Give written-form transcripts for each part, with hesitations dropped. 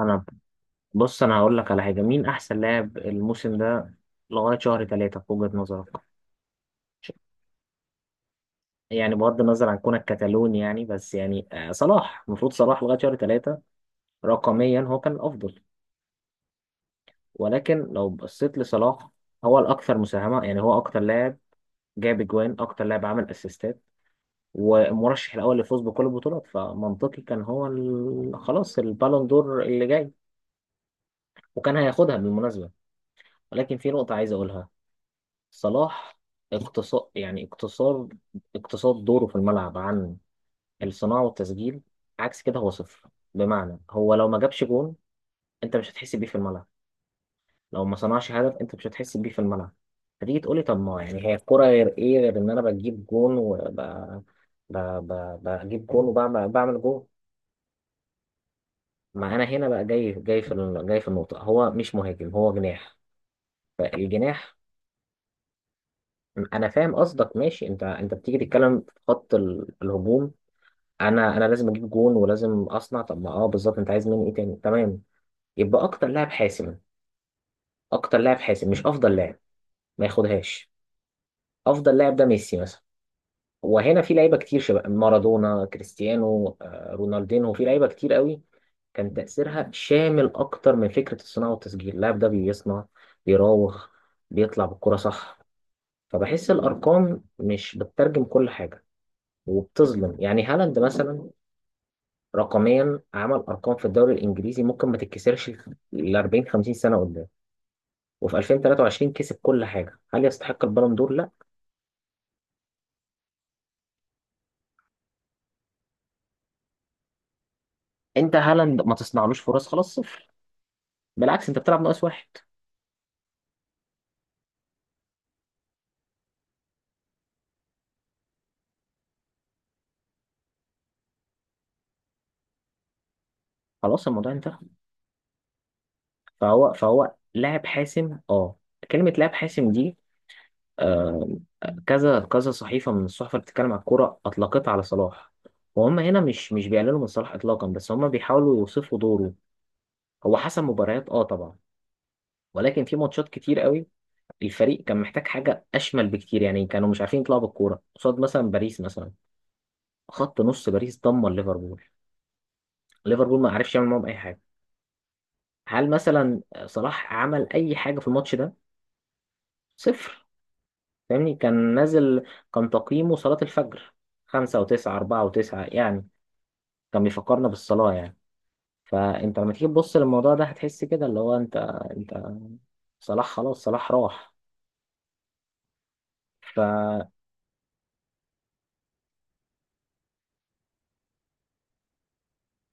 انا بص انا هقول لك على حاجه. مين احسن لاعب الموسم ده لغايه شهر ثلاثة في وجهه نظرك؟ يعني بغض النظر عن كونك كتالوني يعني بس صلاح، المفروض صلاح لغايه شهر ثلاثة رقميا هو كان الافضل. ولكن لو بصيت لصلاح، هو الاكثر مساهمه، يعني هو اكتر لاعب جاب اجوان، اكتر لاعب عمل اسيستات، والمرشح الاول للفوز بكل البطولات، فمنطقي كان هو خلاص البالون دور اللي جاي، وكان هياخدها بالمناسبه. ولكن في نقطه عايز اقولها. صلاح اقتصاد، يعني اقتصاد، اقتصاد دوره في الملعب عن الصناعة والتسجيل، عكس كده هو صفر. بمعنى هو لو ما جابش جون، انت مش هتحس بيه في الملعب، لو ما صنعش هدف انت مش هتحس بيه في الملعب. فتيجي تقولي طب ما يعني هي الكرة غير ايه، غير ان انا بجيب جون بجيب جون وبعمل جون. ما انا هنا بقى جاي في النقطة، هو مش مهاجم، هو جناح. فالجناح، انا فاهم قصدك، ماشي، انت بتيجي تتكلم في خط الهجوم. انا لازم اجيب جون ولازم اصنع، طب ما اه بالظبط انت عايز مني ايه تاني، تمام. يبقى اكتر لاعب حاسم، اكتر لاعب حاسم مش افضل لاعب، ما ياخدهاش. افضل لاعب ده ميسي مثلا، وهنا في لعيبه كتير، شباب مارادونا، كريستيانو، رونالدينو، في لعيبه كتير قوي كان تاثيرها شامل اكتر من فكره الصناعه والتسجيل. اللاعب ده بيصنع، بيراوغ، بيطلع بالكره، صح؟ فبحس الارقام مش بتترجم كل حاجه، وبتظلم. يعني هالاند مثلا رقميا عمل ارقام في الدوري الانجليزي ممكن ما تتكسرش ل 40 50 سنه قدام، وفي 2023 كسب كل حاجه. هل يستحق البالون دور؟ لا. انت هالاند ما تصنعلوش فرص خلاص صفر، بالعكس انت بتلعب ناقص واحد. خلاص الموضوع انتهى. فهو لاعب حاسم، اه، كلمه لاعب حاسم دي، آه، كذا كذا صحيفه من الصحف اللي بتتكلم عن الكوره اطلقتها على صلاح، وهم هنا مش بيقللوا من صلاح اطلاقا، بس هم بيحاولوا يوصفوا دوره. هو حسم مباريات، اه طبعا، ولكن في ماتشات كتير قوي الفريق كان محتاج حاجة أشمل بكتير، يعني كانوا مش عارفين يطلعوا بالكورة قصاد مثلا باريس مثلا. خط نص باريس دمر ليفربول، ليفربول ما عرفش يعمل معاهم أي حاجة. هل مثلا صلاح عمل أي حاجة في الماتش ده؟ صفر. فاهمني؟ كان نازل، كان تقييمه صلاة الفجر، خمسة وتسعة، أربعة وتسعة، يعني كان بيفكرنا بالصلاة يعني. فأنت لما تيجي تبص للموضوع ده هتحس كده اللي هو أنت، أنت، صلاح خلاص، صلاح راح. فماشي.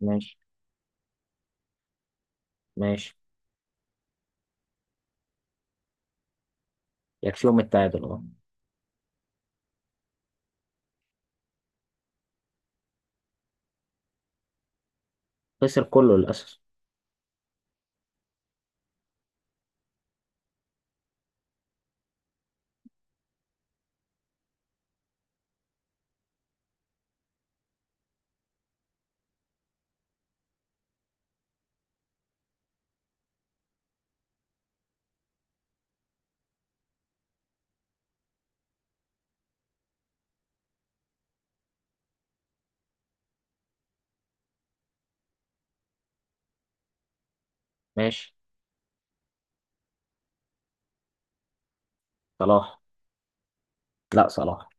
ماشي. ماشي. يكفيهم التعادل، أه. خسر كله للأسف. ماشي. صلاح. لا صلاح.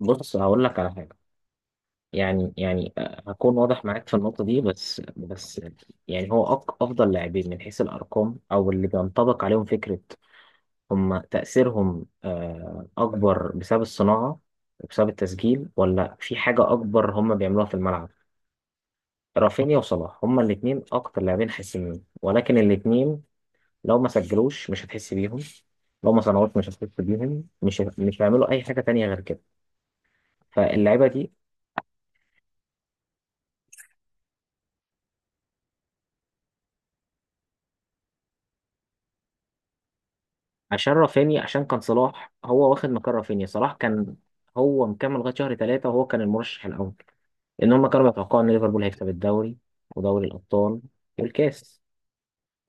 بص هقول لك على حاجة، يعني هكون واضح معاك في النقطة دي، بس يعني هو أفضل لاعبين من حيث الأرقام أو اللي بينطبق عليهم فكرة هم تأثيرهم أكبر بسبب الصناعة وبسبب التسجيل، ولا في حاجة أكبر هم بيعملوها في الملعب. رافينيا وصلاح هما الاتنين أكتر لاعبين حاسمين، ولكن الاتنين لو ما سجلوش مش هتحس بيهم، لو ما صنعوش مش هتحس بيهم، مش هيعملوا أي حاجة تانية غير كده. فاللعيبة دي، عشان رافينيا، عشان كان صلاح هو واخد مكان رافينيا. صلاح كان هو مكمل لغايه شهر ثلاثه وهو كان المرشح الاول، لان هم كانوا بيتوقعوا ان ليفربول هيكسب الدوري ودوري الابطال والكاس،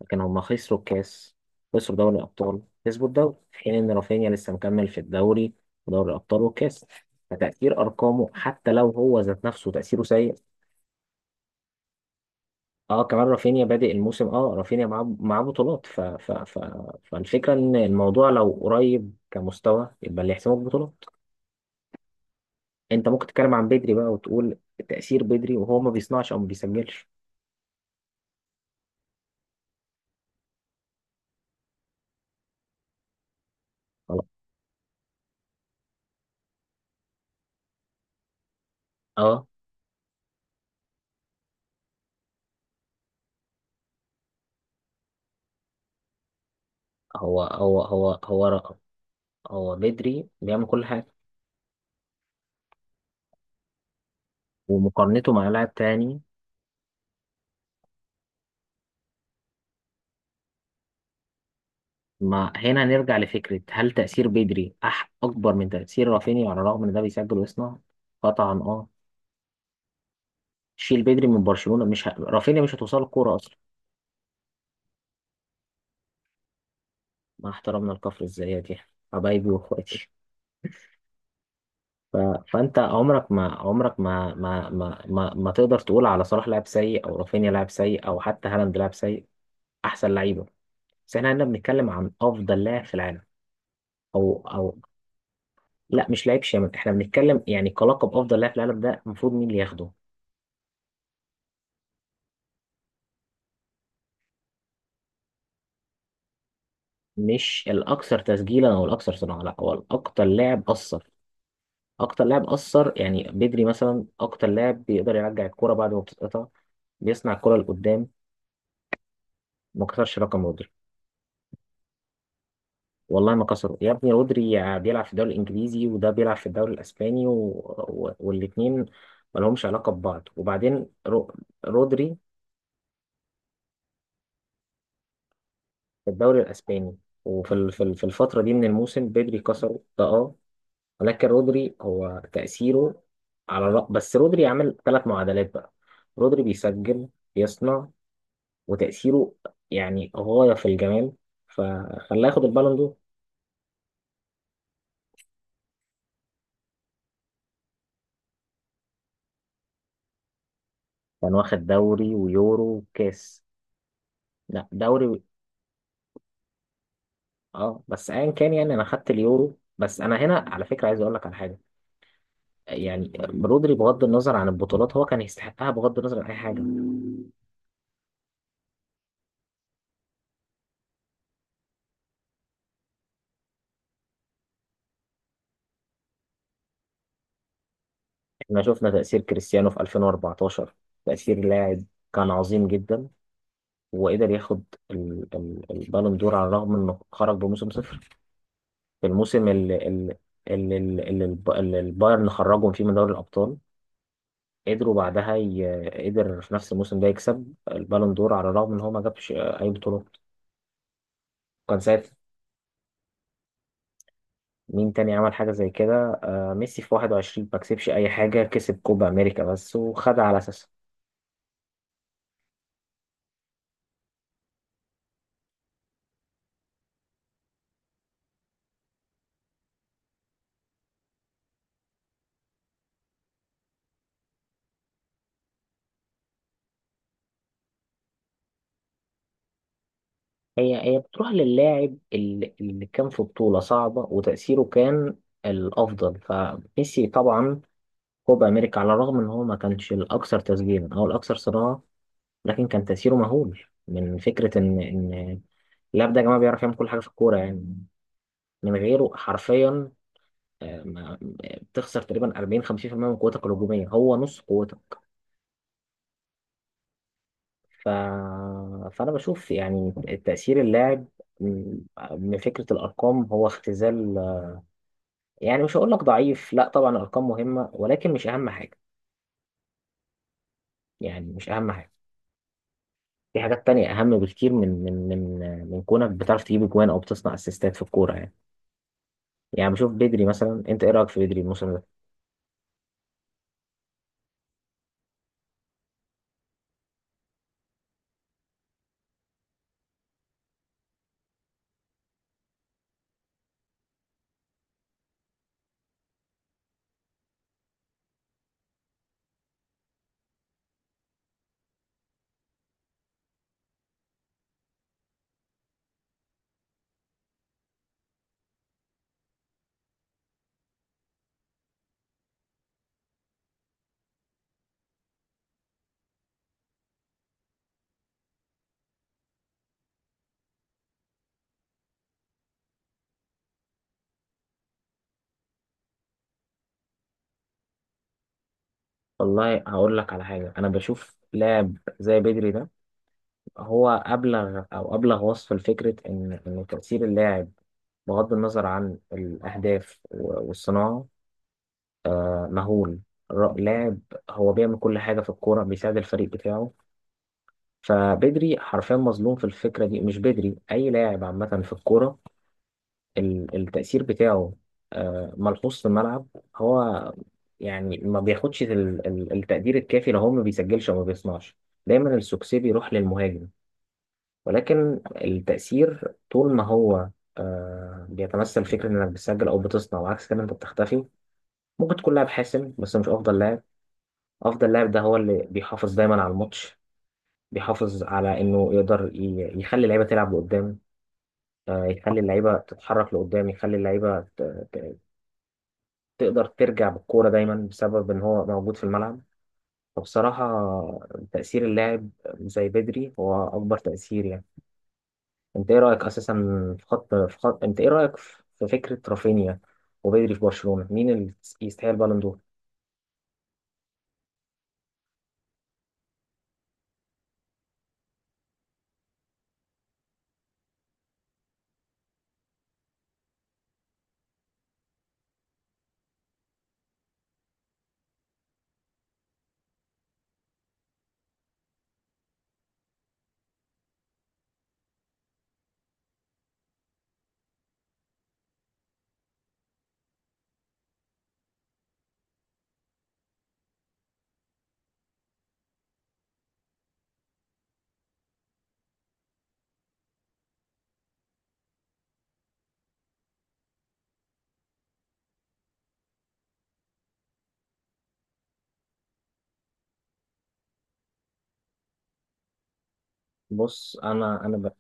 لكن هم خسروا الكاس، خسروا دوري الابطال، كسبوا الدوري. في حين ان رافينيا لسه مكمل في الدوري ودوري الابطال والكاس. فتأثير أرقامه حتى لو هو ذات نفسه تأثيره سيء، اه كمان رافينيا بادئ الموسم، اه رافينيا معاه بطولات. فالفكرة إن الموضوع لو قريب كمستوى يبقى اللي يحسمه بطولات. انت ممكن تتكلم عن بدري بقى، وتقول تأثير بدري وهو ما بيصنعش او ما بيسجلش. خلاص. اه. هو رقم، هو بدري بيعمل كل حاجه. ومقارنته مع لاعب تاني، ما هنا نرجع لفكره هل تأثير بدري اكبر من تأثير رافينيا على الرغم ان ده بيسجل ويصنع؟ قطعا اه. شيل بدري من برشلونه مش ه... رافينيا مش هتوصل الكوره اصلا. مع احترامنا لكفر الزيات، يعني حبايبي واخواتي. ف... فانت عمرك ما تقدر تقول على صلاح لاعب سيء او رافينيا لاعب سيء او حتى هالاند لاعب سيء. احسن لعيبه، بس احنا هنا بنتكلم عن افضل لاعب في العالم. او. او. لا مش لاعب شامل، احنا بنتكلم يعني كلقب افضل لاعب في العالم ده المفروض مين اللي ياخده؟ مش الاكثر تسجيلا او الاكثر صناعه، لا، هو الاكثر لاعب اثر. اكتر لاعب اثر، يعني بدري مثلا اكتر لاعب بيقدر يرجع الكرة بعد ما بتتقطع، بيصنع الكرة لقدام. ما كسرش رقم رودري. والله ما كسروا يا ابني. رودري بيلعب في الدوري الانجليزي وده بيلعب في الدوري الاسباني و... و... والاثنين ما لهمش علاقه ببعض. وبعدين رودري في الدوري الاسباني، وفي في الفتره دي من الموسم بدري كسره ده، اه. ولكن رودري هو تاثيره على بس رودري عمل ثلاث معادلات بقى، رودري بيسجل، بيصنع، وتاثيره يعني غايه في الجمال، فخلاه ياخد البالون دور. كان واخد دوري ويورو وكاس. لا دوري. اه بس ايا كان، يعني انا خدت اليورو بس. انا هنا على فكره عايز اقول لك على حاجه، يعني رودري بغض النظر عن البطولات هو كان يستحقها بغض النظر عن اي حاجه. احنا شفنا تاثير كريستيانو في 2014، تاثير لاعب كان عظيم جدا وقدر ياخد البالون دور على الرغم انه خرج بموسم صفر في الموسم اللي البايرن خرجهم فيه من دوري الابطال. قدر في نفس الموسم ده يكسب البالون دور على الرغم ان هو ما جابش اي بطولات. كان ساعة. مين تاني عمل حاجة زي كده؟ آه ميسي في 21 ما كسبش أي حاجة، كسب كوبا أمريكا بس وخدها على أساسها. هي بتروح للاعب اللي كان في بطولة صعبة وتأثيره كان الأفضل. فميسي طبعا كوبا أمريكا على الرغم إن هو ما كانش الأكثر تسجيلا أو الأكثر صناعة، لكن كان تأثيره مهول، من فكرة إن اللاعب ده يا جماعة بيعرف يعمل كل حاجة في الكورة يعني. من غيره حرفيا بتخسر تقريبا 40 50% من قوتك الهجومية، هو نص قوتك. ف... فأنا بشوف يعني تأثير اللاعب م- من فكرة الأرقام هو اختزال. يعني مش هقول لك ضعيف، لا طبعا الأرقام مهمة، ولكن مش أهم حاجة. يعني مش أهم حاجة، في حاجات تانية أهم بكتير من كونك بتعرف تجيب أجوان أو بتصنع أسيستات في الكورة يعني. يعني بشوف بدري مثلا، أنت إيه رأيك في بدري الموسم ده؟ والله هقول لك على حاجة. أنا بشوف لاعب زي بدري ده هو أبلغ أو أبلغ وصفا لفكرة إن تأثير اللاعب بغض النظر عن الأهداف والصناعة، آه، مهول. اللاعب هو بيعمل كل حاجة في الكورة، بيساعد الفريق بتاعه. فبدري حرفيا مظلوم في الفكرة دي، مش بدري، أي لاعب عامة في الكورة التأثير بتاعه آه، ملحوظ في الملعب. هو يعني ما بياخدش التقدير الكافي لو هو ما بيسجلش أو ما بيصنعش. دايما السوكسي بيروح للمهاجم، ولكن التأثير طول ما هو آه، بيتمثل فكرة إنك بتسجل أو بتصنع وعكس كده أنت بتختفي. ممكن تكون لاعب حاسم بس مش أفضل لاعب. أفضل لاعب ده هو اللي بيحافظ دايما على الماتش، بيحافظ على إنه يقدر يخلي اللعيبة تلعب لقدام، آه، يخلي اللعيبة تتحرك لقدام، يخلي اللعيبة ت- تقدر ترجع بالكورة دايما بسبب إن هو موجود في الملعب. فبصراحة تأثير اللاعب زي بدري هو أكبر تأثير يعني. انت ايه رايك اساسا في خط، انت ايه رايك في فكره رافينيا وبدري في برشلونه، مين اللي يستاهل بالون دور؟ بص انا انا ب...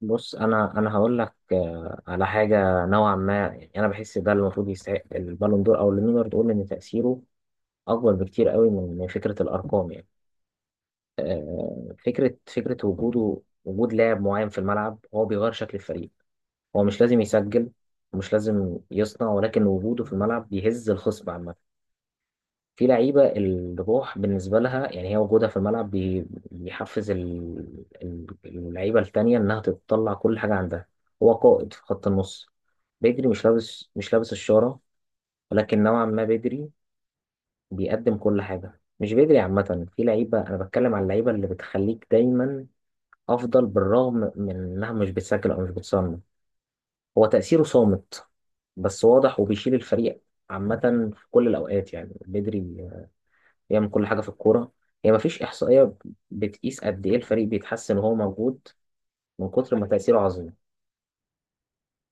بص انا هقول لك على حاجه نوعا ما. يعني انا بحس ده اللي المفروض يستحق البالون دور، او اللي نقدر نقول ان تاثيره اكبر بكتير قوي من فكره الارقام يعني. آه، فكره وجوده، وجود لاعب معين في الملعب هو بيغير شكل الفريق. هو مش لازم يسجل، ومش لازم يصنع، ولكن وجوده في الملعب بيهز الخصم عامه. في لعيبة الروح بالنسبة لها، يعني هي وجودها في الملعب بيحفز اللعيبة التانية إنها تطلع كل حاجة عندها. هو قائد في خط النص. بدري مش لابس الشارة، ولكن نوعا ما بدري بيقدم كل حاجة، مش بدري عامة، في لعيبة أنا بتكلم على اللعيبة اللي بتخليك دايما أفضل بالرغم من إنها مش بتسجل أو مش بتصنع. هو تأثيره صامت بس واضح، وبيشيل الفريق عامة في كل الأوقات. يعني بدري يعمل كل حاجة في الكورة. هي مفيش إحصائية بتقيس قد إيه الفريق بيتحسن وهو موجود، من كتر ما تأثيره عظيم.